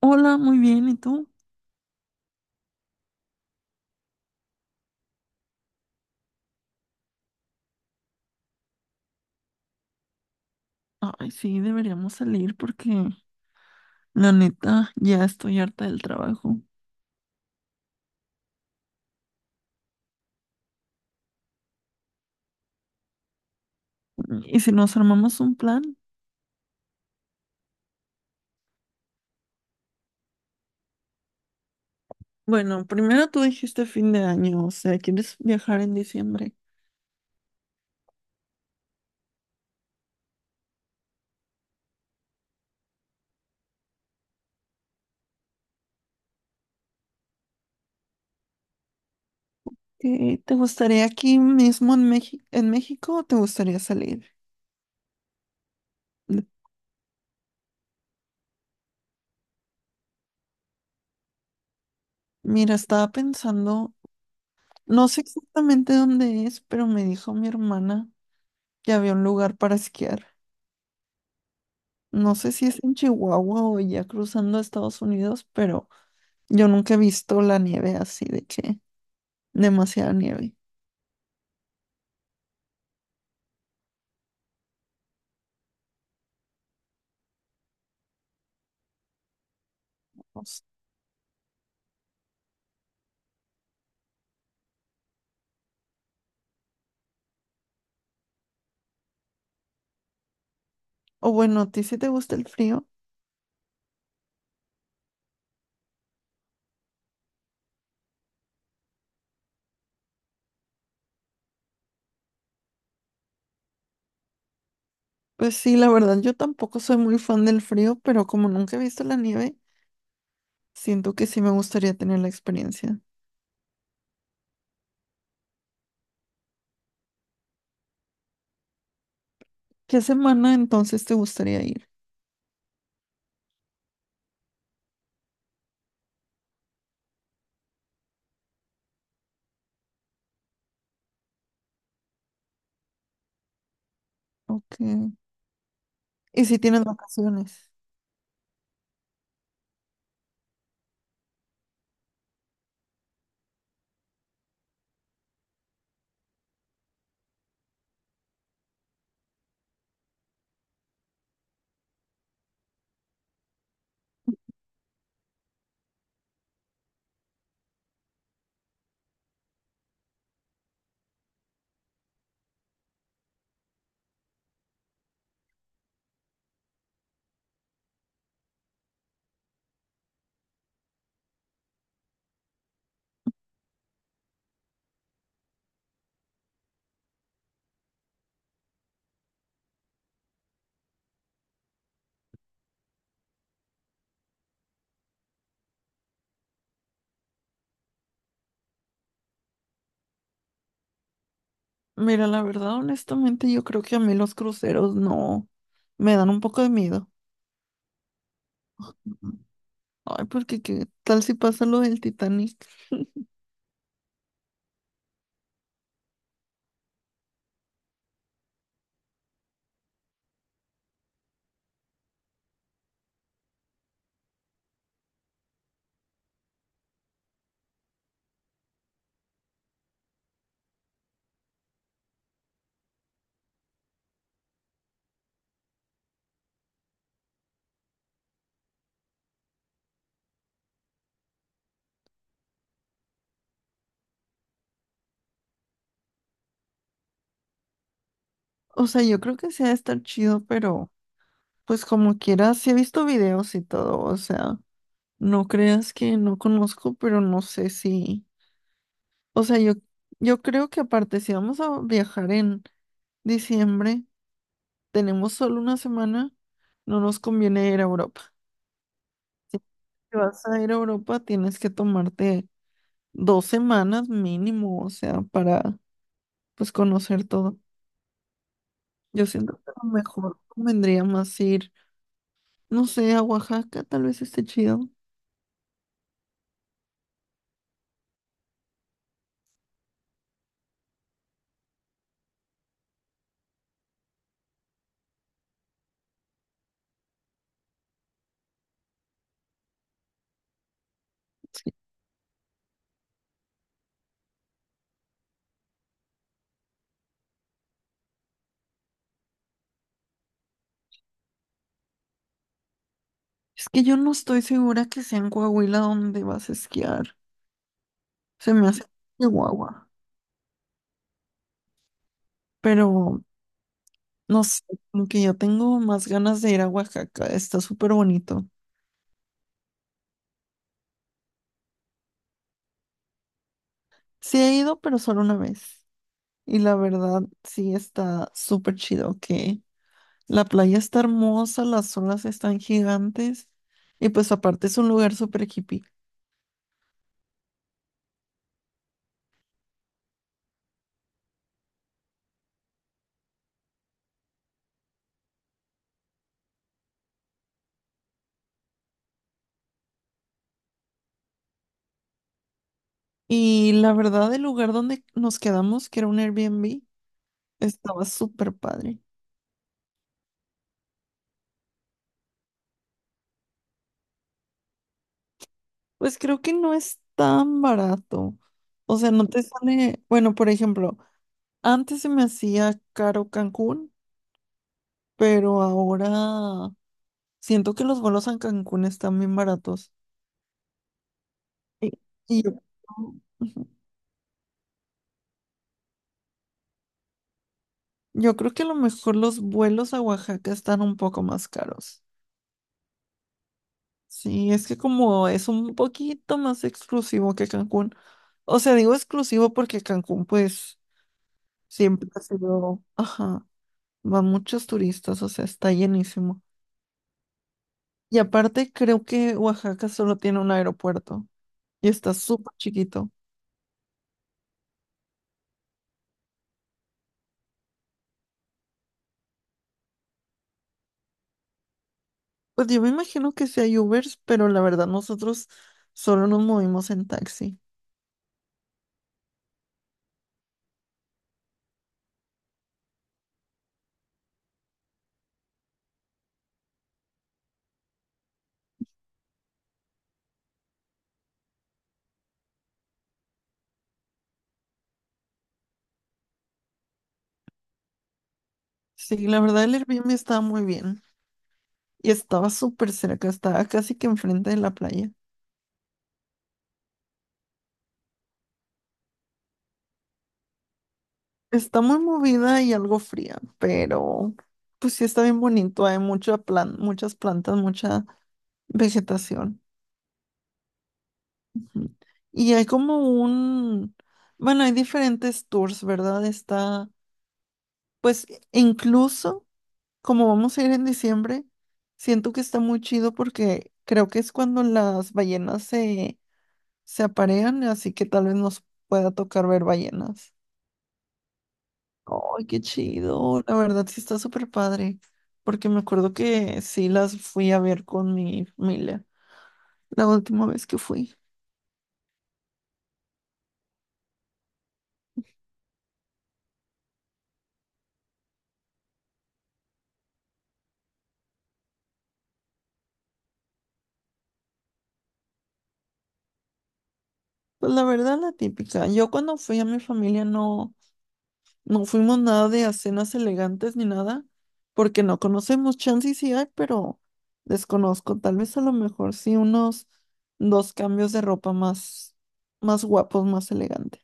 Hola, muy bien, ¿y tú? Ay, sí, deberíamos salir porque la neta ya estoy harta del trabajo. ¿Y si nos armamos un plan? Bueno, primero tú dijiste fin de año, o sea, ¿quieres viajar en diciembre? ¿Te gustaría aquí mismo en México o te gustaría salir? N- Mira, estaba pensando, no sé exactamente dónde es, pero me dijo mi hermana que había un lugar para esquiar. No sé si es en Chihuahua o ya cruzando a Estados Unidos, pero yo nunca he visto la nieve así de que demasiada nieve. O s- o bueno, ¿a ti sí te gusta el frío? Pues sí, la verdad, yo tampoco soy muy fan del frío, pero como nunca he visto la nieve, siento que sí me gustaría tener la experiencia. ¿Qué semana entonces te gustaría ir? Ok. ¿Y si tienes vacaciones? Mira, la verdad, honestamente, yo creo que a mí los cruceros no me dan un poco de miedo. Ujú. Ay, porque qué tal si pasa lo del Titanic. O sea, yo creo que sí ha de estar chido, pero pues como quieras, sí he visto videos y todo, o sea, no creas que no conozco, pero no sé si, o sea, yo creo que aparte, si vamos a viajar en diciembre, tenemos solo una semana, no nos conviene ir a Europa. Si vas a ir a Europa, tienes que tomarte dos semanas mínimo, o sea, para, pues, conocer todo. Yo siento que a lo mejor convendría más ir, no sé, a Oaxaca, tal vez esté chido. Es que yo no estoy segura que sea en Coahuila donde vas a esquiar. Se me hace Chihuahua. Pero no sé, como que yo tengo más ganas de ir a Oaxaca. Está súper bonito. Sí he ido, pero solo una vez. Y la verdad, sí está súper chido, que la playa está hermosa, las olas están gigantes. Y pues aparte es un lugar súper hippie. Y la verdad, el lugar donde nos quedamos, que era un Airbnb, estaba súper padre. Pues creo que no es tan barato. O sea, no te sale, bueno, por ejemplo, antes se me hacía caro Cancún, pero ahora siento que los vuelos a Cancún están bien baratos. Y, y yo, Ujú. Yo creo que a lo mejor los vuelos a Oaxaca están un poco más caros. Sí, es que como es un poquito más exclusivo que Cancún. O sea, digo exclusivo porque Cancún, pues, siempre ha sido, ajá. Van muchos turistas, o sea, está llenísimo. Y aparte creo que Oaxaca solo tiene un aeropuerto y está súper chiquito. Pues yo me imagino que sí hay Ubers, pero la verdad nosotros solo nos movimos en taxi. Sí, la verdad el Airbnb estaba muy bien y estaba súper cerca, estaba casi que enfrente de la playa. Está muy movida y algo fría, pero pues sí está bien bonito, hay mucha plan, muchas plantas, mucha vegetación. Y hay como un, bueno, hay diferentes tours, ¿verdad? Está, pues e, incluso como vamos a ir en diciembre, siento que está muy chido porque creo que es cuando las ballenas se, se aparean, así que tal vez nos pueda tocar ver ballenas. ¡Ay, qué chido! La verdad sí está súper padre, porque me acuerdo que sí las fui a ver con mi familia la última vez que fui. Pues la verdad, la típica. Yo cuando fui a mi familia no... No fuimos nada de a cenas elegantes ni nada, porque no conocemos. Chance y sí hay, pero desconozco. Tal vez a lo mejor sí unos dos cambios de ropa más, más guapos, más elegantes.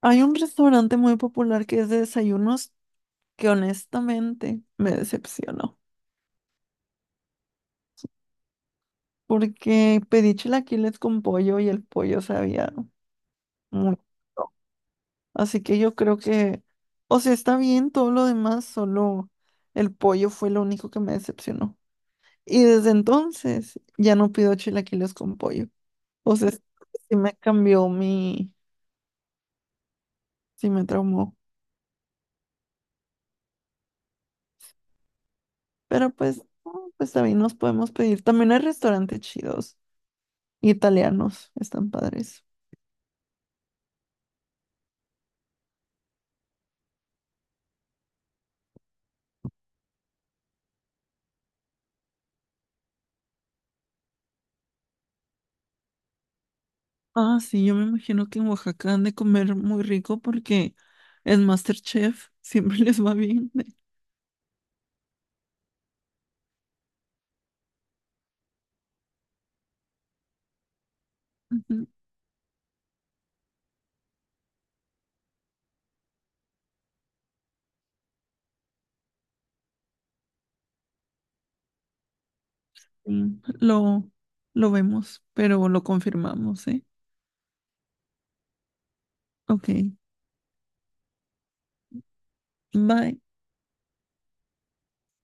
Hay un restaurante muy popular que es de desayunos que honestamente me decepcionó, porque pedí chilaquiles con pollo y el pollo sabía muy... rico. Así que yo creo que, o sea, está bien todo lo demás, solo el pollo fue lo único que me decepcionó. Y desde entonces ya no pido chilaquiles con pollo. O sea, sí me cambió mi, sí me traumó. Pero pues, no, pues también nos podemos pedir. También hay restaurantes chidos, italianos, están padres. Ah, sí, yo me imagino que en Oaxaca han de comer muy rico porque en MasterChef siempre les va bien. Sí, lo vemos, pero lo confirmamos, ¿eh? Ok, bye.